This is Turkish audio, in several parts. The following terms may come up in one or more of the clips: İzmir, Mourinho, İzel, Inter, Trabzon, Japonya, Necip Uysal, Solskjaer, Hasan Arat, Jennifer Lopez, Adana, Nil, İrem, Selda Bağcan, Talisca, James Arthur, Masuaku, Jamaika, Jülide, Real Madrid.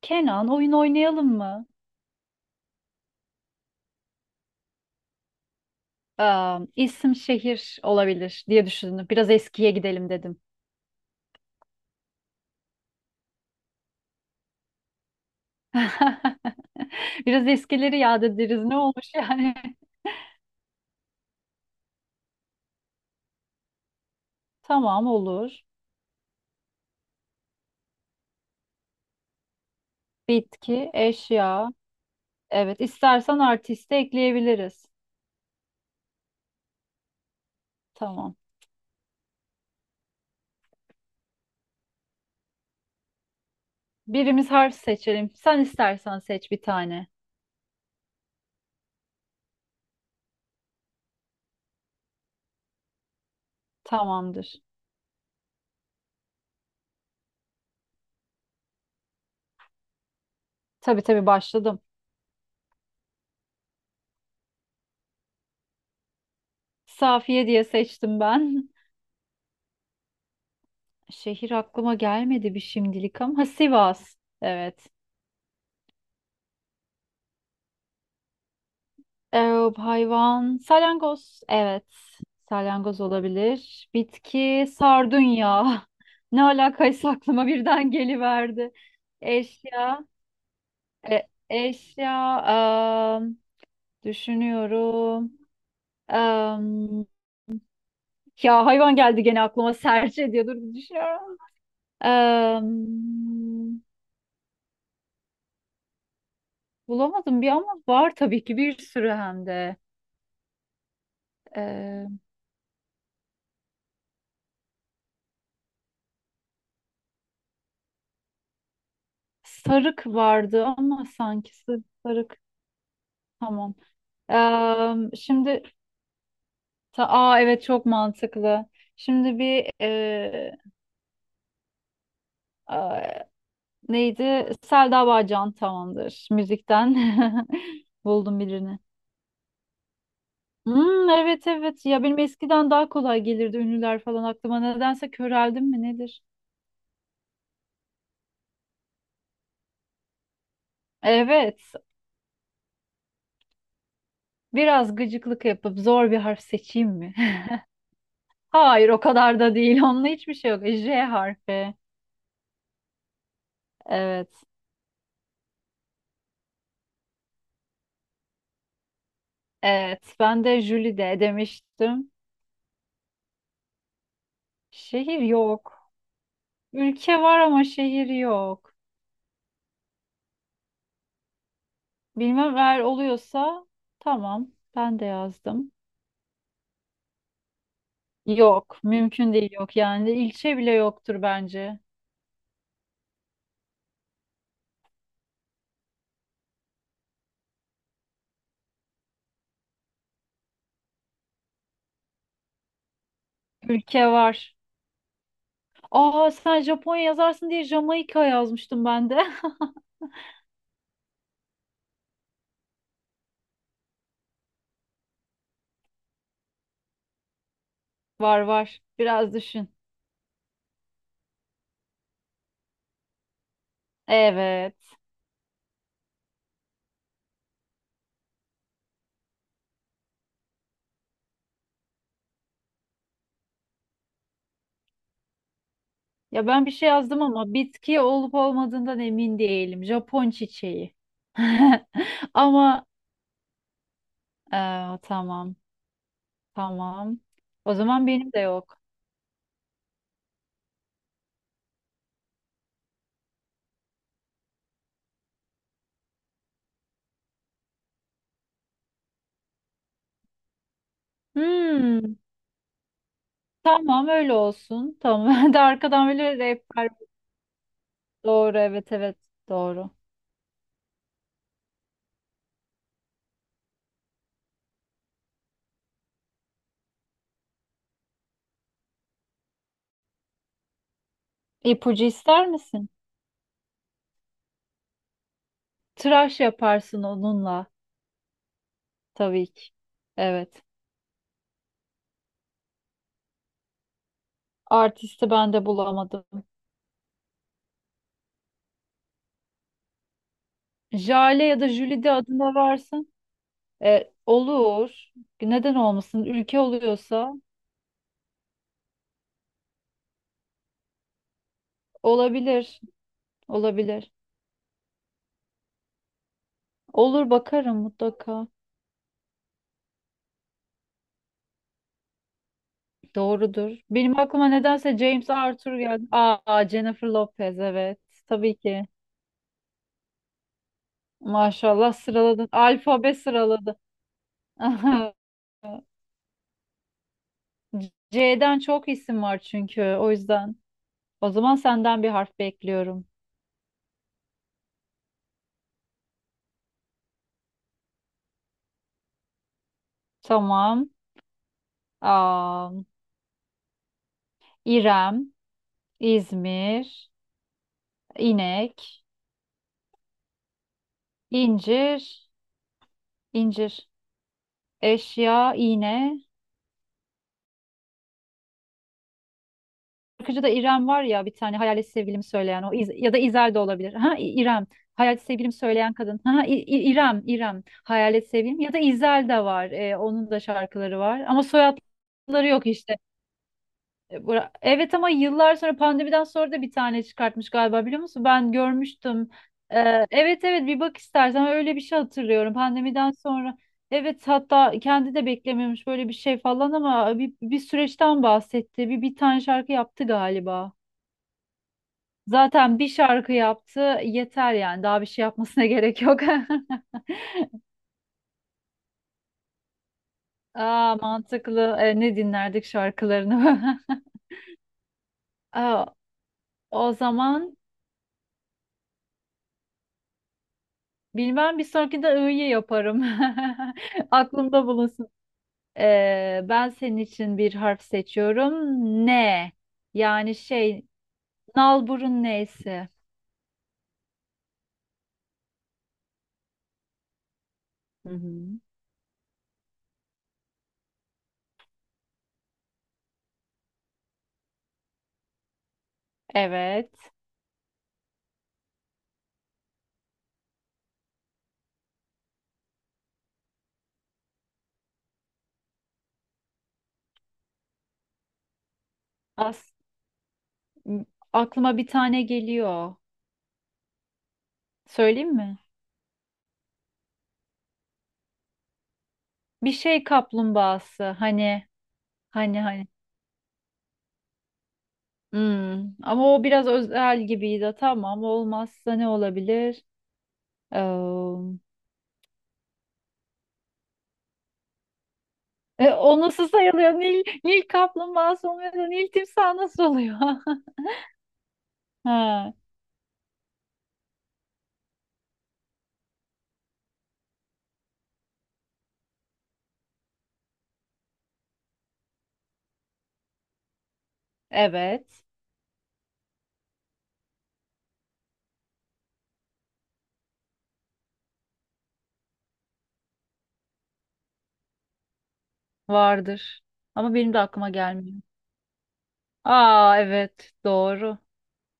Kenan oyun oynayalım mı? Aa, isim şehir olabilir diye düşündüm. Biraz eskiye gidelim dedim. Biraz eskileri yad ederiz. Ne olmuş yani? Tamam olur. Bitki, eşya. Evet, istersen artisti ekleyebiliriz. Tamam. Birimiz harf seçelim. Sen istersen seç bir tane. Tamamdır. Tabii başladım. Safiye diye seçtim ben. Şehir aklıma gelmedi bir şimdilik ama. Ha, Sivas. Evet. Ee, hayvan salyangoz. Evet. Salyangoz olabilir. Bitki sardunya. Ne alakaysa aklıma birden geliverdi. Eşya. Eşya. am, düşünüyorum. Am, ya hayvan geldi gene aklıma serçe diye dur bir düşünüyorum. Am, bulamadım bir ama var tabii ki bir sürü hem de. Ee, sarık vardı ama sanki sarık. Tamam. Şimdi aa evet çok mantıklı. Şimdi a- neydi? Selda Bağcan tamamdır müzikten. Buldum birini. Hmm, evet evet ya benim eskiden daha kolay gelirdi ünlüler falan aklıma nedense köreldim mi nedir? Evet, biraz gıcıklık yapıp zor bir harf seçeyim mi? Hayır, o kadar da değil, onunla hiçbir şey yok. J harfi. Evet, evet ben de Jülide demiştim. Şehir yok. Ülke var ama şehir yok. Bilmem, eğer oluyorsa tamam. Ben de yazdım. Yok. Mümkün değil, yok. Yani ilçe bile yoktur bence. Ülke var. Aa, sen Japonya yazarsın diye Jamaika yazmıştım ben de. Var var. Biraz düşün. Evet. Ya ben bir şey yazdım ama bitki olup olmadığından emin değilim. Japon çiçeği. Ama tamam. Tamam. O zaman benim de yok. Hmm. Tamam, öyle olsun. Tamam. Ben de arkadan böyle rehber. Doğru, evet evet doğru. İpucu ister misin? Tıraş yaparsın onunla, tabii ki. Evet. Artisti ben de bulamadım. Jale ya da Jülide adında varsın. E, olur. Neden olmasın? Ülke oluyorsa olabilir. Olabilir. Olur, bakarım mutlaka. Doğrudur. Benim aklıma nedense James Arthur geldi. Aa, Jennifer Lopez evet. Tabii ki. Maşallah sıraladın. Alfabe sıraladı. C'den çok isim var çünkü, o yüzden. O zaman senden bir harf bekliyorum. Tamam. Aa, İrem, İzmir, inek, incir, incir, eşya, iğne. Şarkıcıda İrem var ya, bir tane hayalet sevgilimi söyleyen o ya da İzel de olabilir. Ha İrem. Hayalet sevgilimi söyleyen kadın. Ha İrem, İrem. Hayalet sevgilim ya da İzel de var. Onun da şarkıları var ama soyadları yok işte. Evet ama yıllar sonra pandemiden sonra da bir tane çıkartmış galiba, biliyor musun? Ben görmüştüm. Evet evet, bir bak istersen, öyle bir şey hatırlıyorum pandemiden sonra. Evet, hatta kendi de beklemiyormuş böyle bir şey falan ama bir süreçten bahsetti. Bir tane şarkı yaptı galiba. Zaten bir şarkı yaptı yeter yani, daha bir şey yapmasına gerek yok. Aa, mantıklı. E, ne dinlerdik şarkılarını? Aa, o zaman bilmem, bir sonrakinde I'yı yaparım. Aklımda bulunsun. Ben senin için bir harf seçiyorum. Ne Yani şey nalburun neyse. Hı hı. Evet. As aklıma bir tane geliyor. Söyleyeyim mi? Bir şey kaplumbağası. Hani. Hmm. Ama o biraz özel gibiydi. Tamam, olmazsa ne olabilir? Ee, o nasıl sayılıyor? Nil, Nil kaplumbağası olmuyor da Nil timsahı nasıl oluyor? Ha, evet vardır. Ama benim de aklıma gelmiyor. Aa, evet doğru.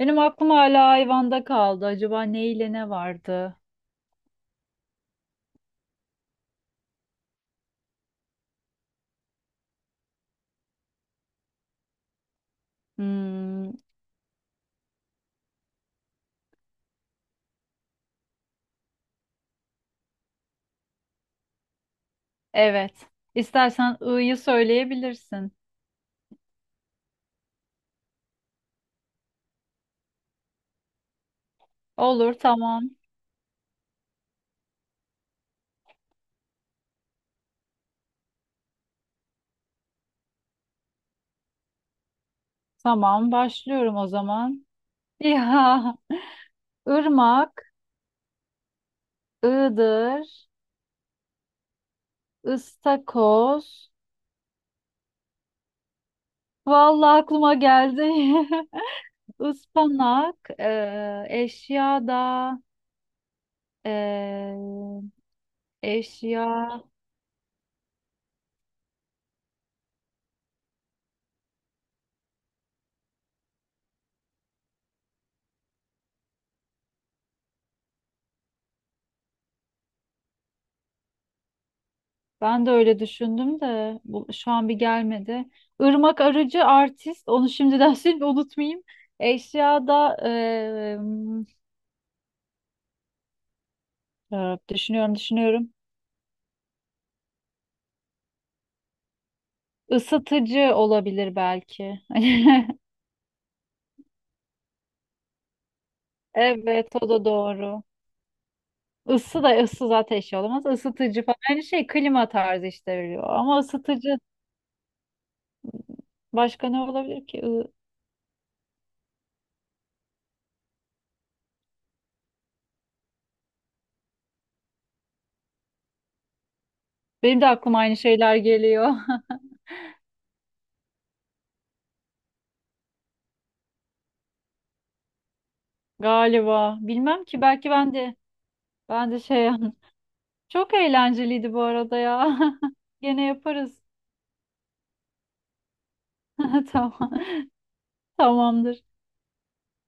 Benim aklım hala hayvanda kaldı. Acaba ne ile ne vardı? Hmm, evet. İstersen ı'yı söyleyebilirsin. Olur, tamam. Tamam, başlıyorum o zaman. Ya, ırmak, ığdır, ıstakoz. Vallahi aklıma geldi. Ispanak, eşya da eee, eşya. Ben de öyle düşündüm de şu an bir gelmedi. Irmak arıcı artist. Onu şimdiden şimdi unutmayayım. Eşya da düşünüyorum. Isıtıcı olabilir belki. Evet, o da doğru. Isı da ısı zaten şey olamaz. Isıtıcı falan. Aynı şey klima tarzı işte veriyor. Ama ısıtıcı başka ne olabilir ki? I- Benim de aklıma aynı şeyler geliyor. Galiba. Bilmem ki, belki ben de şey. Çok eğlenceliydi bu arada ya. Gene yaparız. Tamam. Tamamdır.